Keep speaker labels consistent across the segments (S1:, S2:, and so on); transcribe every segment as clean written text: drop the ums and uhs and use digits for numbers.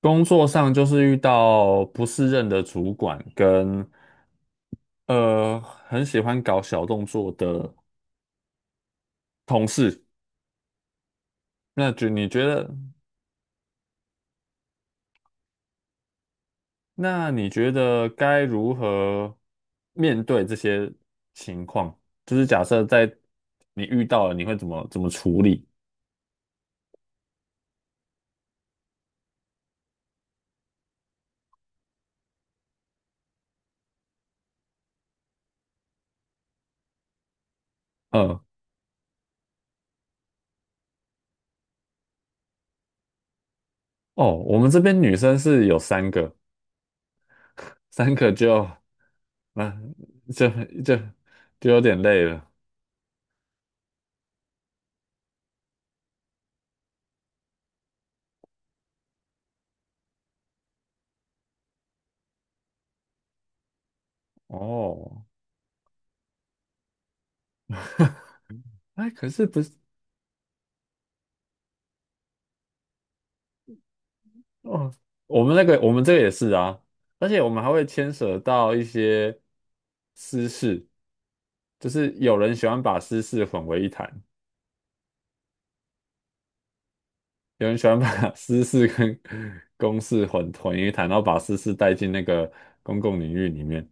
S1: 工作上就是遇到不适任的主管跟很喜欢搞小动作的同事。那就你觉得，那你觉得该如何面对这些情况？就是假设在你遇到了，你会怎么处理？嗯。哦，我们这边女生是有三个，三个就那、就就就有点累了。哦，哎，可是不是。哦，我们那个我们这个也是啊，而且我们还会牵扯到一些私事，就是有人喜欢把私事混为一谈，有人喜欢把 私事跟公事混为一谈，然后把私事带进那个公共领域里面。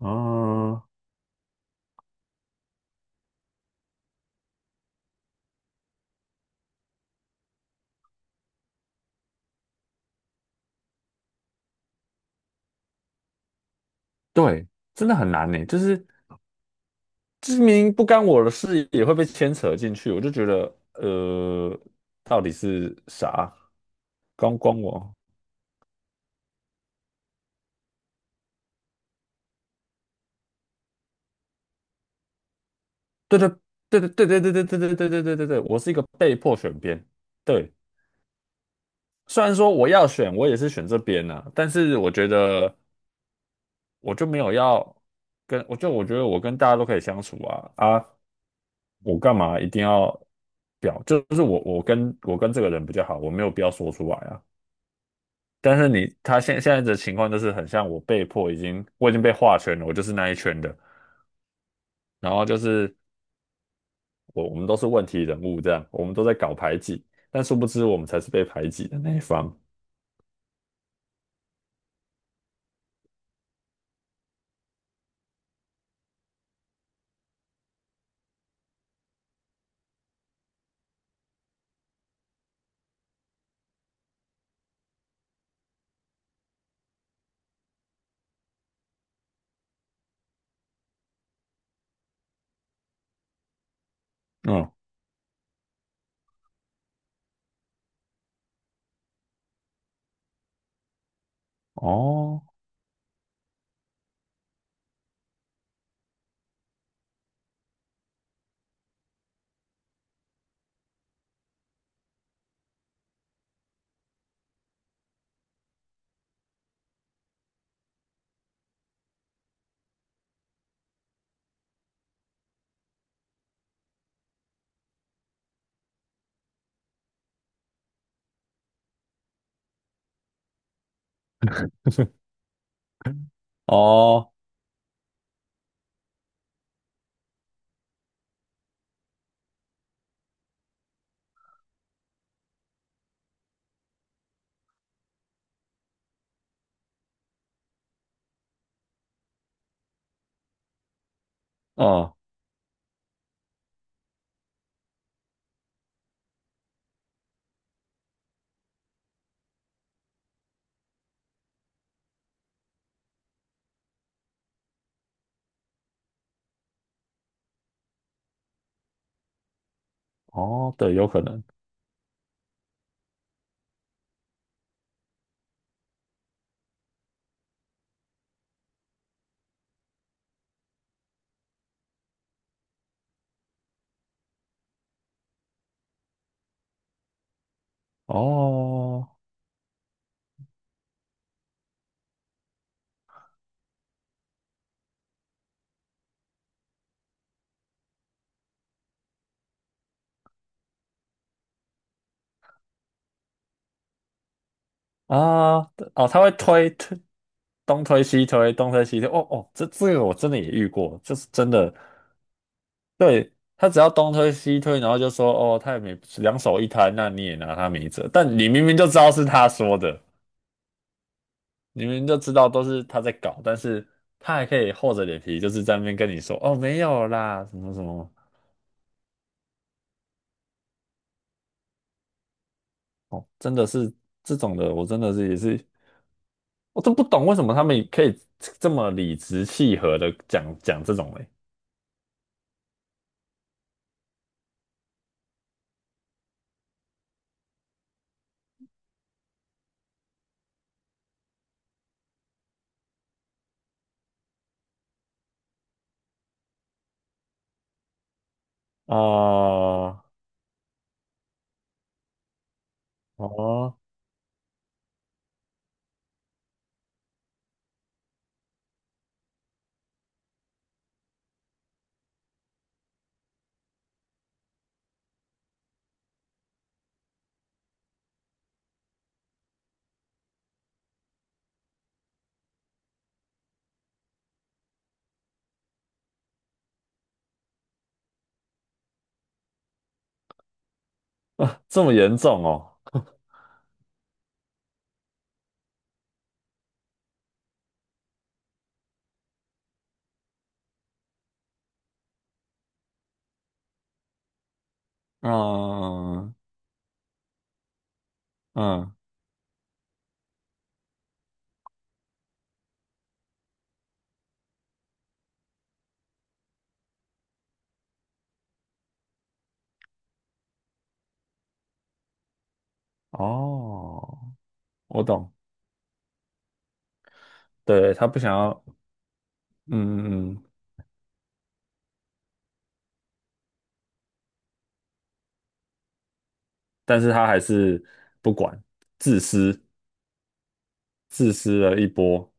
S1: 啊，对，真的很难呢，就是知名不干我的事也会被牵扯进去，我就觉得，到底是啥？光光我。对对对对对，我是一个被迫选边。对，虽然说我要选，我也是选这边呐、但是我觉得我就没有要跟，我觉得我跟大家都可以相处啊啊，我干嘛一定要表？就是我跟这个人比较好，我没有必要说出来啊。但是你他现在的情况就是很像我被迫我已经被划圈了，我就是那一圈的，然后就是我们都是问题人物，这样我们都在搞排挤，但殊不知我们才是被排挤的那一方。嗯。哦。哦。嗯。哦，对，有可能。哦。啊。哦，他会推，东推西推，东推西推。哦哦，这个我真的也遇过，就是真的。对，他只要东推西推，然后就说哦，他也没两手一摊，那你也拿他没辙。但你明明就知道是他说的，明明就知道都是他在搞，但是他还可以厚着脸皮，就是在那边跟你说哦没有啦，什么什么。哦，真的是这种的，我真的是也是，我都不懂为什么他们可以这么理直气和的讲这种嘞。哦哦，这么严重哦。嗯嗯。哦，我懂。对，他不想要。嗯嗯嗯。但是他还是不管，自私自私了一波。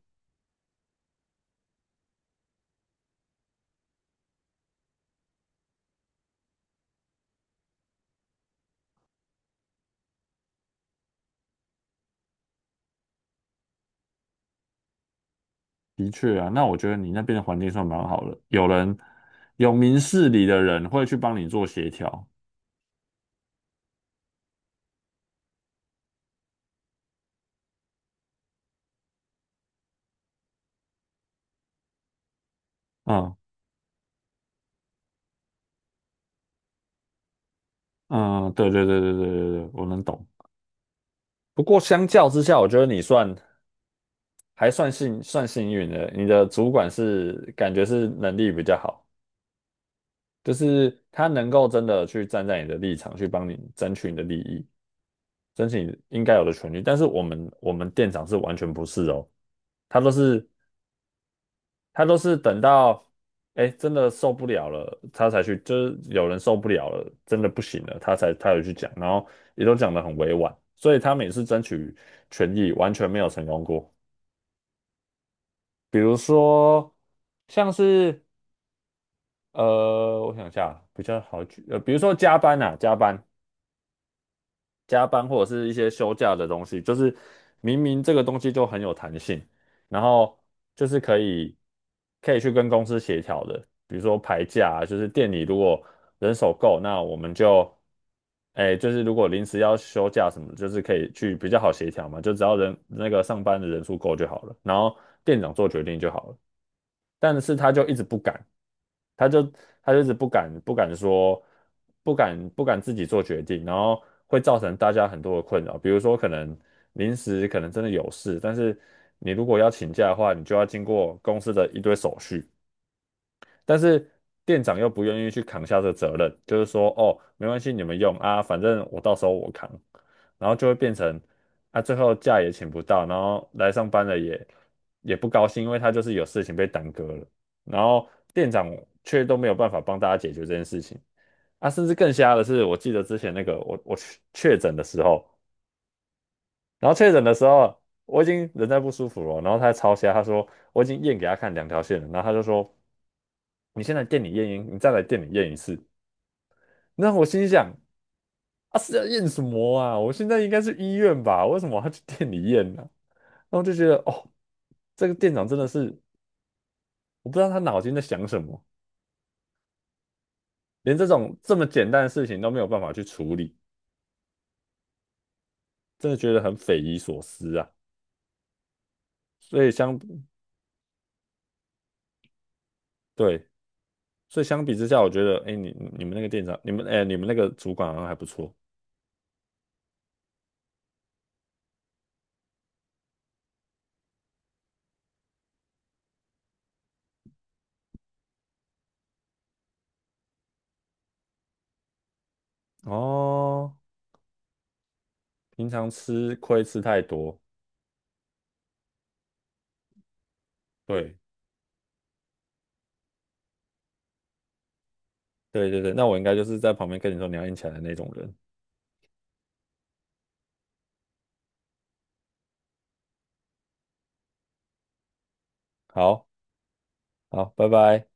S1: 的确啊，那我觉得你那边的环境算蛮好的，有明事理的人会去帮你做协调。嗯嗯，对对对，我能懂。不过相较之下，我觉得你算还算算幸运的，你的主管是感觉是能力比较好，就是他能够真的去站在你的立场去帮你争取你的利益，争取你应该有的权利。但是我们店长是完全不是哦，他都是他都是等到，哎，真的受不了了，他才去，就是有人受不了了，真的不行了，他有去讲，然后也都讲得很委婉，所以他每次争取权益完全没有成功过。比如说，像是，我想一下，比较好举，比如说加班啊，加班或者是一些休假的东西，就是明明这个东西就很有弹性，然后就是可以去跟公司协调的，比如说排假啊就是店里如果人手够，那我们就，哎，就是如果临时要休假什么，就是可以去比较好协调嘛，就只要人那个上班的人数够就好了，然后店长做决定就好了，但是他就一直不敢。他就他就是不敢说，不敢自己做决定，然后会造成大家很多的困扰。比如说，可能临时可能真的有事，但是你如果要请假的话，你就要经过公司的一堆手续，但是店长又不愿意去扛下这个责任，就是说哦，没关系，你们用啊，反正我到时候我扛，然后就会变成啊，最后假也请不到，然后来上班了也不高兴，因为他就是有事情被耽搁了，然后店长却都没有办法帮大家解决这件事情啊，甚至更瞎的是，我记得之前那个我确诊的时候，然后确诊的时候。我已经人在不舒服了，然后他还超瞎，他说我已经验给他看两条线了，然后他就说你先来店里验阴，你再来店里验一次。”那我心想：“啊，是要验什么啊？我现在应该是医院吧？为什么我要去店里验呢、然后就觉得哦，这个店长真的是，我不知道他脑筋在想什么，连这种这么简单的事情都没有办法去处理，真的觉得很匪夷所思啊。所以相，对，所以相比之下，我觉得，哎，你们那个店长，哎，你们那个主管好像还不错哦。平常吃亏吃太多，对，对，那我应该就是在旁边跟你说你要硬起来的那种人。好。好，拜拜。